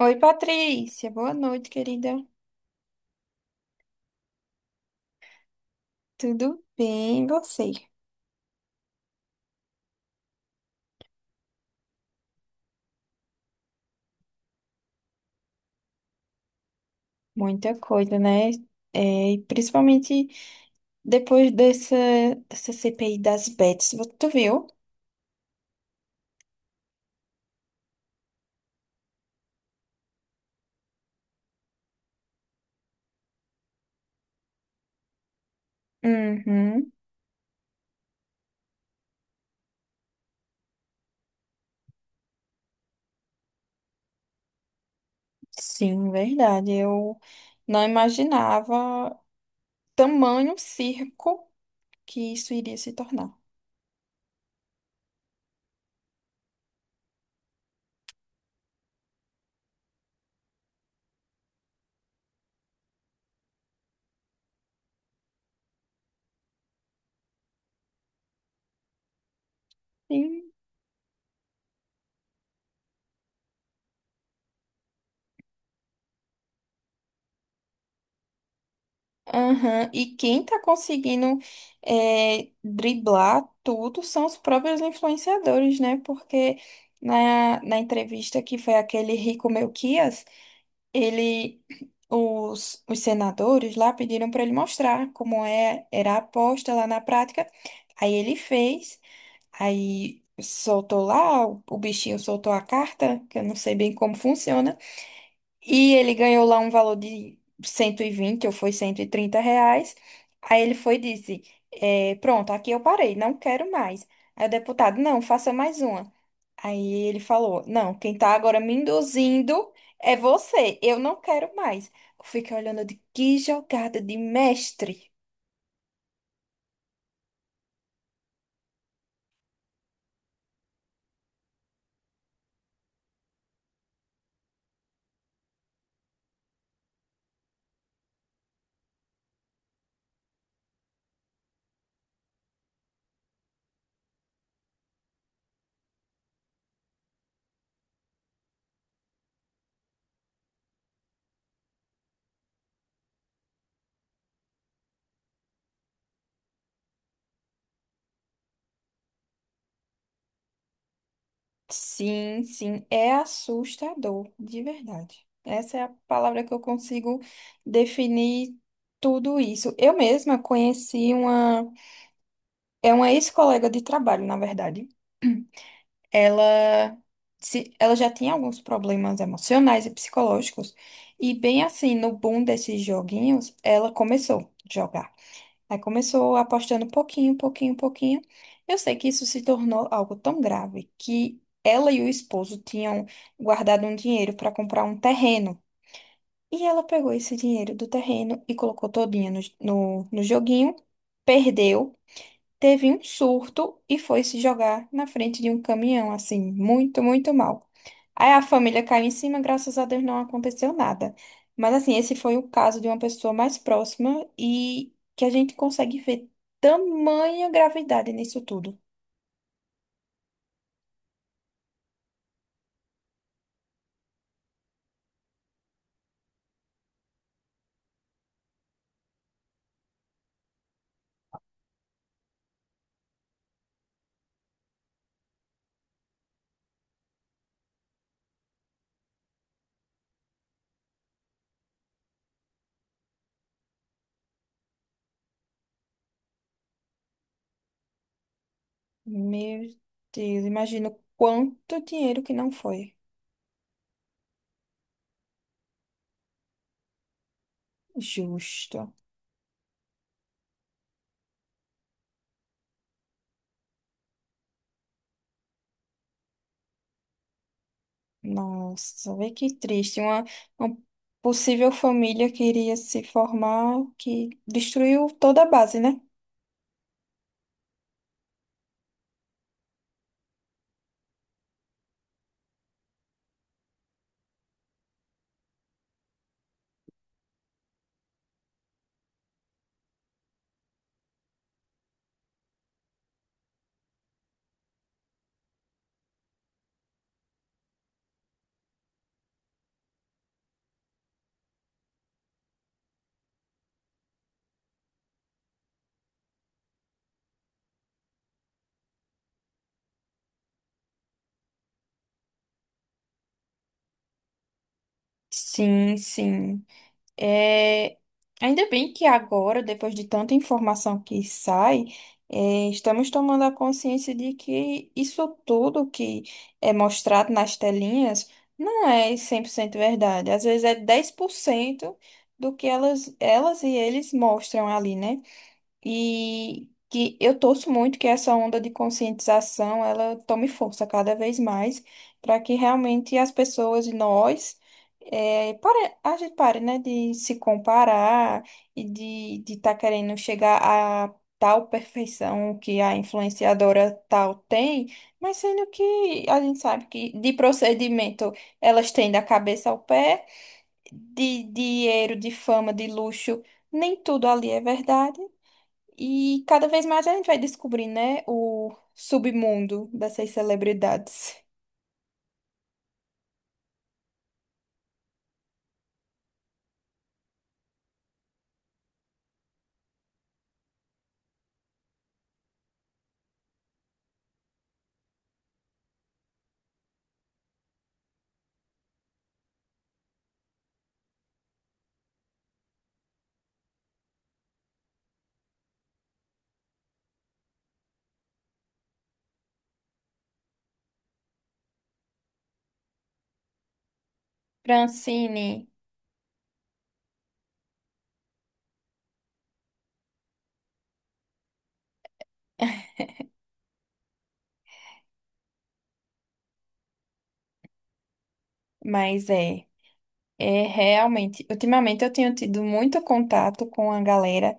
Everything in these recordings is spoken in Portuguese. Oi, Patrícia. Boa noite, querida. Tudo bem? E você? Muita coisa, né? É, e principalmente depois dessa, dessa CPI das bets. Tu viu? Uhum. Sim, verdade. Eu não imaginava tamanho circo que isso iria se tornar. Aham. E quem tá conseguindo driblar tudo são os próprios influenciadores, né? Porque na entrevista que foi aquele Rico Melquias, ele, os senadores lá pediram para ele mostrar como era a aposta lá na prática. Aí ele fez, aí soltou lá, o bichinho soltou a carta, que eu não sei bem como funciona. E ele ganhou lá um valor de 120 ou foi 130 reais. Aí ele foi e disse: Pronto, aqui eu parei, não quero mais. Aí o deputado: Não, faça mais uma. Aí ele falou: Não, quem tá agora me induzindo é você, eu não quero mais. Eu fiquei olhando de que jogada de mestre. Sim, sim, é assustador, de verdade. Essa é a palavra que eu consigo definir tudo isso. Eu mesma conheci uma. É uma ex-colega de trabalho, na verdade. Ela, se, ela já tinha alguns problemas emocionais e psicológicos. E bem assim, no boom desses joguinhos, ela começou a jogar. Aí começou apostando pouquinho, pouquinho, pouquinho. Eu sei que isso se tornou algo tão grave que ela e o esposo tinham guardado um dinheiro para comprar um terreno. E ela pegou esse dinheiro do terreno e colocou todinha no joguinho, perdeu, teve um surto e foi se jogar na frente de um caminhão, assim, muito, muito mal. Aí a família caiu em cima, graças a Deus não aconteceu nada. Mas assim, esse foi o caso de uma pessoa mais próxima e que a gente consegue ver tamanha gravidade nisso tudo. Meu Deus, imagino quanto dinheiro que não foi. Justo. Nossa, vê que triste. Uma possível família que iria se formar, que destruiu toda a base, né? Sim, sim. É, ainda bem que agora, depois de tanta informação que sai, estamos tomando a consciência de que isso tudo que é mostrado nas telinhas não é 100% verdade. Às vezes é 10% do que elas e eles mostram ali, né? E que eu torço muito que essa onda de conscientização ela tome força cada vez mais para que realmente as pessoas e nós pare, a gente pare, né, de se comparar e de estar querendo chegar a tal perfeição que a influenciadora tal tem, mas sendo que a gente sabe que de procedimento elas têm da cabeça ao pé, de dinheiro, de fama, de luxo, nem tudo ali é verdade. E cada vez mais a gente vai descobrir, né, o submundo dessas celebridades. Francine, mas é, é realmente. Ultimamente eu tenho tido muito contato com a galera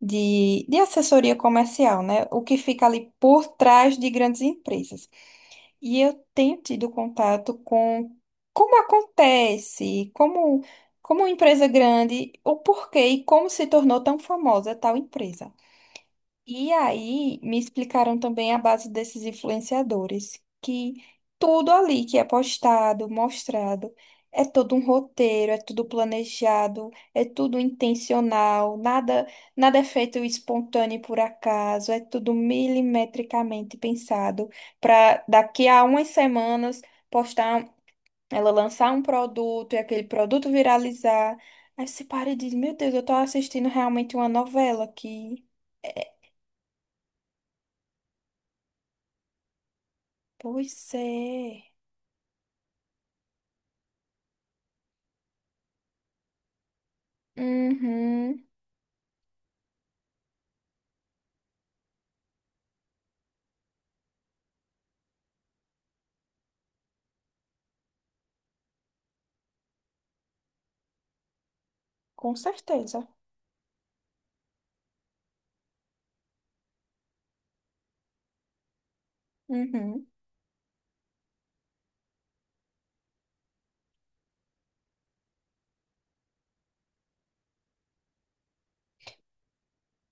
de assessoria comercial, né? O que fica ali por trás de grandes empresas. E eu tenho tido contato com como acontece, como, como uma empresa grande, o porquê e como se tornou tão famosa tal empresa. E aí me explicaram também a base desses influenciadores, que tudo ali que é postado, mostrado, é todo um roteiro, é tudo planejado, é tudo intencional, nada, nada é feito espontâneo por acaso, é tudo milimetricamente pensado para daqui a umas semanas postar, ela lançar um produto e aquele produto viralizar. Aí você para e diz, meu Deus, eu tô assistindo realmente uma novela que... Pois é. Uhum. Com certeza. Uhum.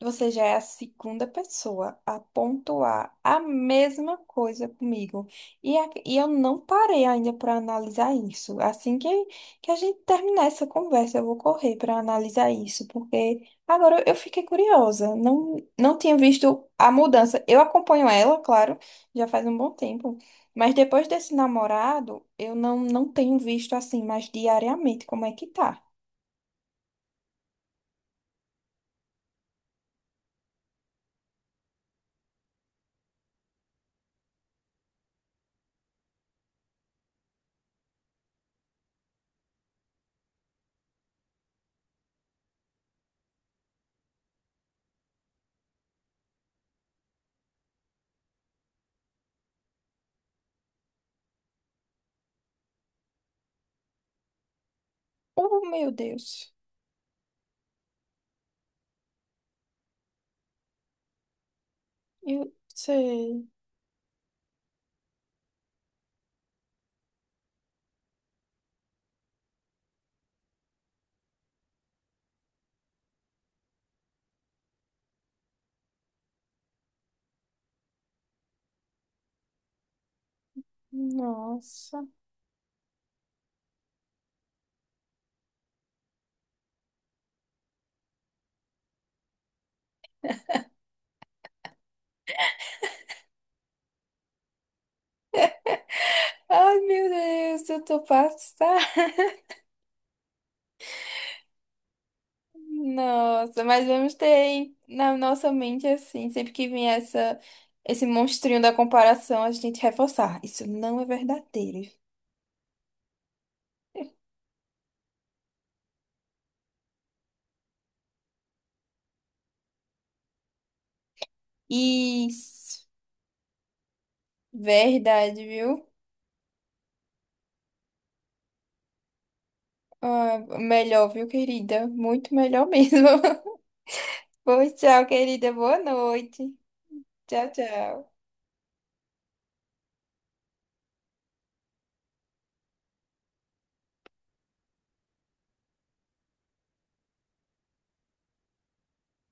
Você já é a segunda pessoa a pontuar a mesma coisa comigo. E, e eu não parei ainda para analisar isso. Assim que a gente terminar essa conversa, eu vou correr para analisar isso, porque agora eu fiquei curiosa. Não, não tinha visto a mudança. Eu acompanho ela, claro, já faz um bom tempo. Mas depois desse namorado, eu não, não tenho visto assim mais diariamente como é que tá. Oh, meu Deus. Eu sei. Nossa. Ai, meu Deus, eu tô passada. Nossa, mas vamos ter na nossa mente assim, sempre que vier essa, esse monstrinho da comparação, a gente reforçar. Isso não é verdadeiro. Isso, verdade, viu? Ah, melhor, viu, querida? Muito melhor mesmo. Pois tchau, querida. Boa noite. Tchau, tchau.